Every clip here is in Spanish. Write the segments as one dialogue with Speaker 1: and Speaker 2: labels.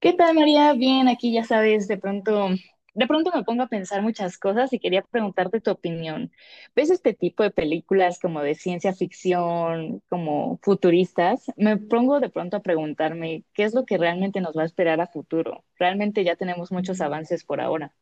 Speaker 1: ¿Qué tal, María? Bien, aquí ya sabes, de pronto me pongo a pensar muchas cosas y quería preguntarte tu opinión. ¿Ves este tipo de películas como de ciencia ficción, como futuristas? Me pongo de pronto a preguntarme qué es lo que realmente nos va a esperar a futuro. Realmente ya tenemos muchos avances por ahora.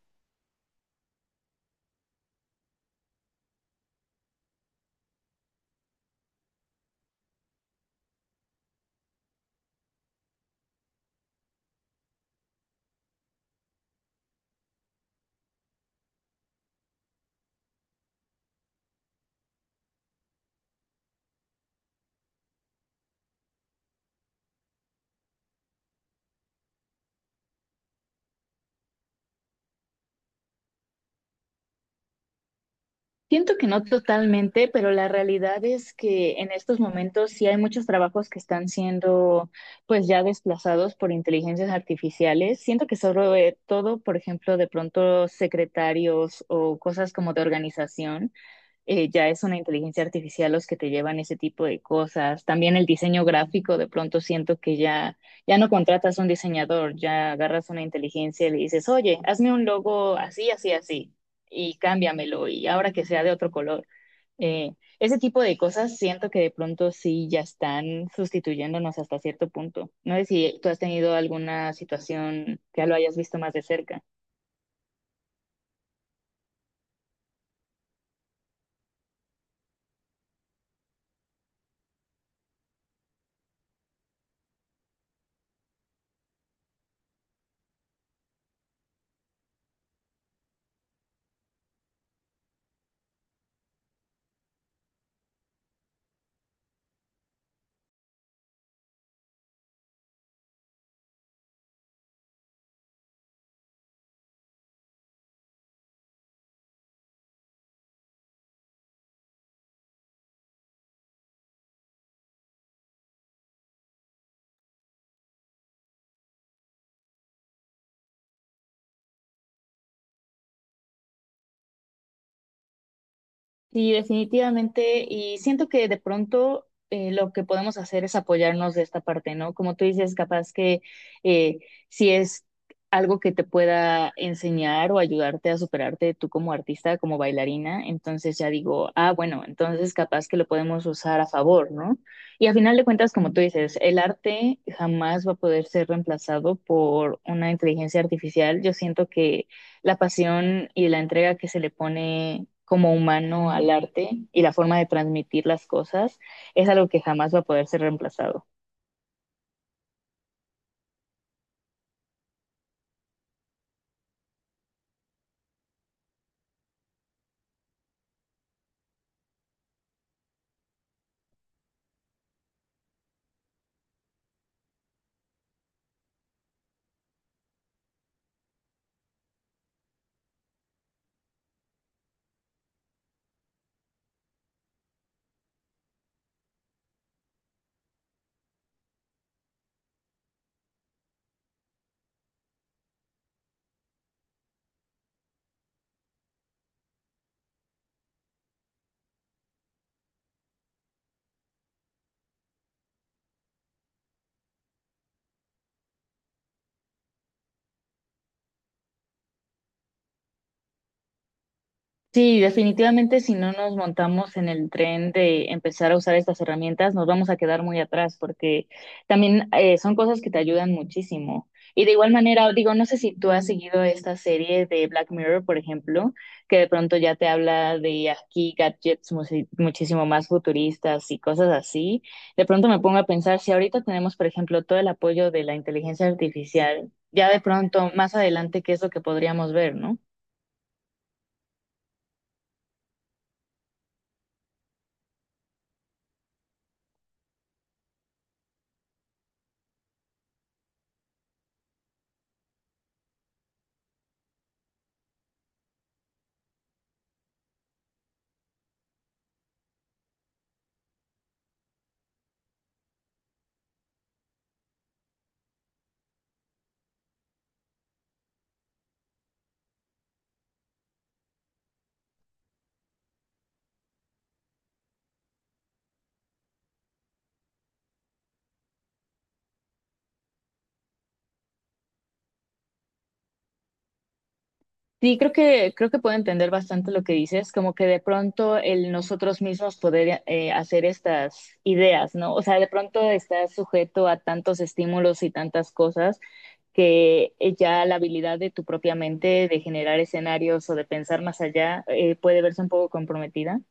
Speaker 1: Siento que no totalmente, pero la realidad es que en estos momentos sí hay muchos trabajos que están siendo pues ya desplazados por inteligencias artificiales. Siento que sobre todo, por ejemplo, de pronto secretarios o cosas como de organización ya es una inteligencia artificial los que te llevan ese tipo de cosas. También el diseño gráfico, de pronto siento que ya no contratas un diseñador, ya agarras una inteligencia y le dices, oye, hazme un logo así, así, así, y cámbiamelo, y ahora que sea de otro color. Eh, Ese tipo de cosas siento que de pronto sí ya están sustituyéndonos hasta cierto punto. No sé si tú has tenido alguna situación que ya lo hayas visto más de cerca. Sí, definitivamente. Y siento que de pronto lo que podemos hacer es apoyarnos de esta parte, ¿no? Como tú dices, capaz que eh, si es algo que te pueda enseñar o ayudarte a superarte tú como artista, como bailarina, entonces ya digo, ah, bueno, entonces capaz que lo podemos usar a favor, ¿no? Y a final de cuentas, como tú dices, el arte jamás va a poder ser reemplazado por una inteligencia artificial. Yo siento que la pasión y la entrega que se le pone como humano al arte y la forma de transmitir las cosas es algo que jamás va a poder ser reemplazado. Sí, definitivamente si no nos montamos en el tren de empezar a usar estas herramientas, nos vamos a quedar muy atrás porque también son cosas que te ayudan muchísimo. Y de igual manera, digo, no sé si tú has seguido esta serie de Black Mirror, por ejemplo, que de pronto ya te habla de aquí gadgets muchísimo más futuristas y cosas así. De pronto me pongo a pensar si ahorita tenemos, por ejemplo, todo el apoyo de la inteligencia artificial, ya de pronto más adelante, ¿qué es lo que podríamos ver, no? Sí, creo que puedo entender bastante lo que dices, como que de pronto el nosotros mismos poder hacer estas ideas, ¿no? O sea, de pronto estás sujeto a tantos estímulos y tantas cosas que ya la habilidad de tu propia mente de generar escenarios o de pensar más allá puede verse un poco comprometida.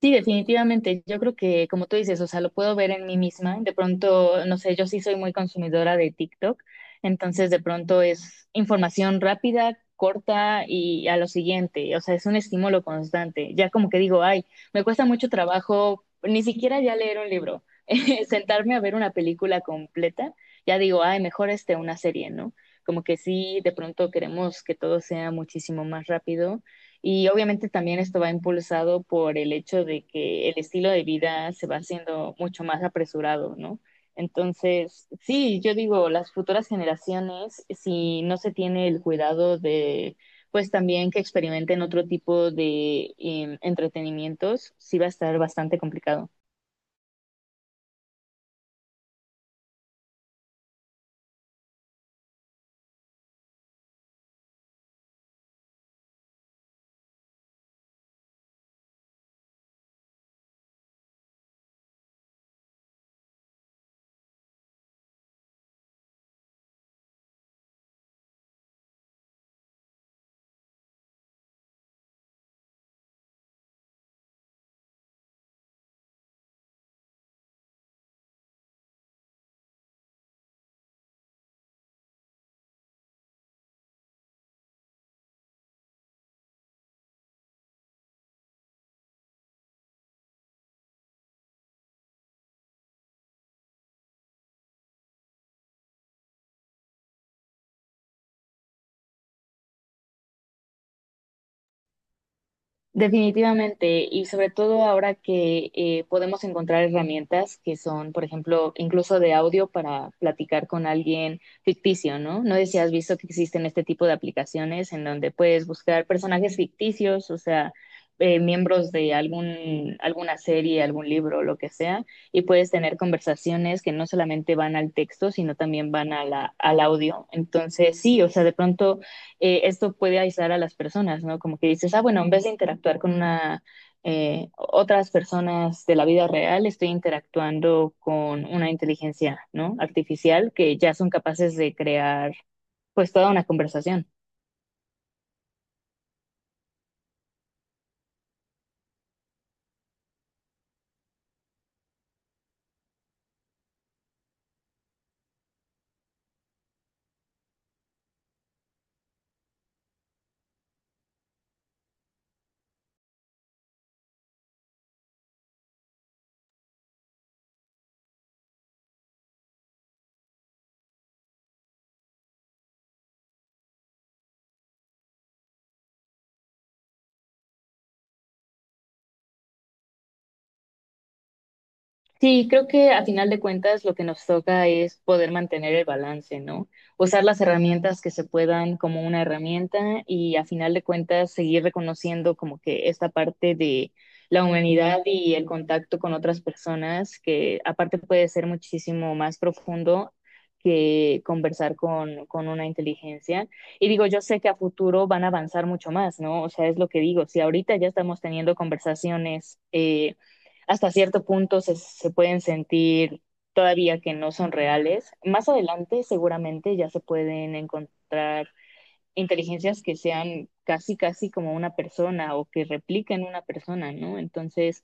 Speaker 1: Sí, definitivamente. Yo creo que, como tú dices, o sea, lo puedo ver en mí misma. De pronto, no sé, yo sí soy muy consumidora de TikTok, entonces de pronto es información rápida, corta y a lo siguiente. O sea, es un estímulo constante. Ya como que digo, ay, me cuesta mucho trabajo, ni siquiera ya leer un libro, sentarme a ver una película completa. Ya digo, ay, mejor este, una serie, ¿no? Como que sí, de pronto queremos que todo sea muchísimo más rápido y obviamente también esto va impulsado por el hecho de que el estilo de vida se va haciendo mucho más apresurado, ¿no? Entonces, sí, yo digo, las futuras generaciones, si no se tiene el cuidado de, pues también que experimenten otro tipo de entretenimientos, sí va a estar bastante complicado. Definitivamente, y sobre todo ahora que podemos encontrar herramientas que son, por ejemplo, incluso de audio para platicar con alguien ficticio, ¿no? No sé si has visto que existen este tipo de aplicaciones en donde puedes buscar personajes ficticios, o sea, miembros de algún, alguna serie, algún libro, lo que sea, y puedes tener conversaciones que no solamente van al texto, sino también van a al audio. Entonces, sí, o sea, de pronto esto puede aislar a las personas, ¿no? Como que dices, ah, bueno, en vez de interactuar con una, otras personas de la vida real, estoy interactuando con una inteligencia, ¿no? Artificial que ya son capaces de crear, pues, toda una conversación. Sí, creo que a final de cuentas lo que nos toca es poder mantener el balance, ¿no? Usar las herramientas que se puedan como una herramienta y a final de cuentas seguir reconociendo como que esta parte de la humanidad y el contacto con otras personas que aparte puede ser muchísimo más profundo que conversar con una inteligencia. Y digo, yo sé que a futuro van a avanzar mucho más, ¿no? O sea, es lo que digo, si ahorita ya estamos teniendo conversaciones. Hasta cierto punto se pueden sentir todavía que no son reales. Más adelante seguramente ya se pueden encontrar inteligencias que sean casi, casi como una persona o que repliquen una persona, ¿no? Entonces,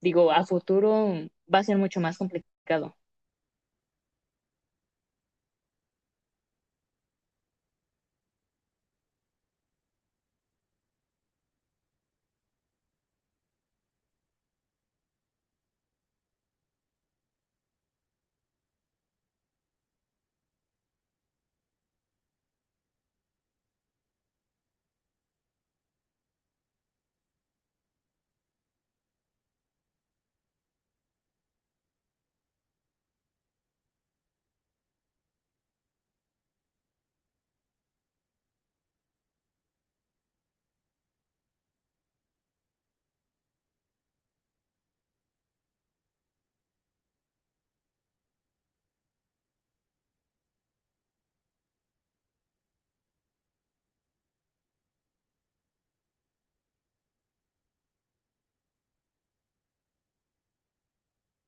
Speaker 1: digo, a futuro va a ser mucho más complicado.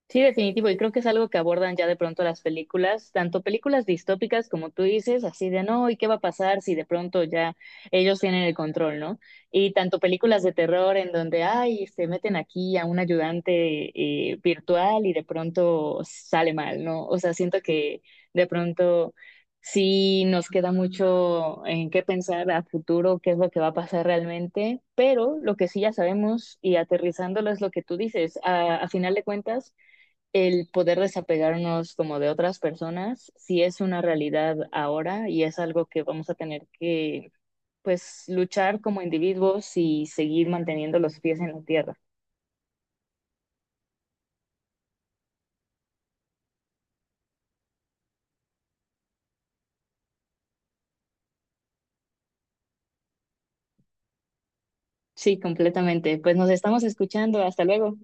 Speaker 1: Sí, definitivo, y creo que es algo que abordan ya de pronto las películas, tanto películas distópicas como tú dices, así de no, ¿y qué va a pasar si de pronto ya ellos tienen el control, ¿no? Y tanto películas de terror en donde, ay, se meten aquí a un ayudante virtual y de pronto sale mal, ¿no? O sea, siento que de pronto sí nos queda mucho en qué pensar a futuro, qué es lo que va a pasar realmente, pero lo que sí ya sabemos y aterrizándolo es lo que tú dices, a final de cuentas el poder desapegarnos como de otras personas sí es una realidad ahora y es algo que vamos a tener que pues luchar como individuos y seguir manteniendo los pies en la tierra. Sí, completamente. Pues nos estamos escuchando. Hasta luego.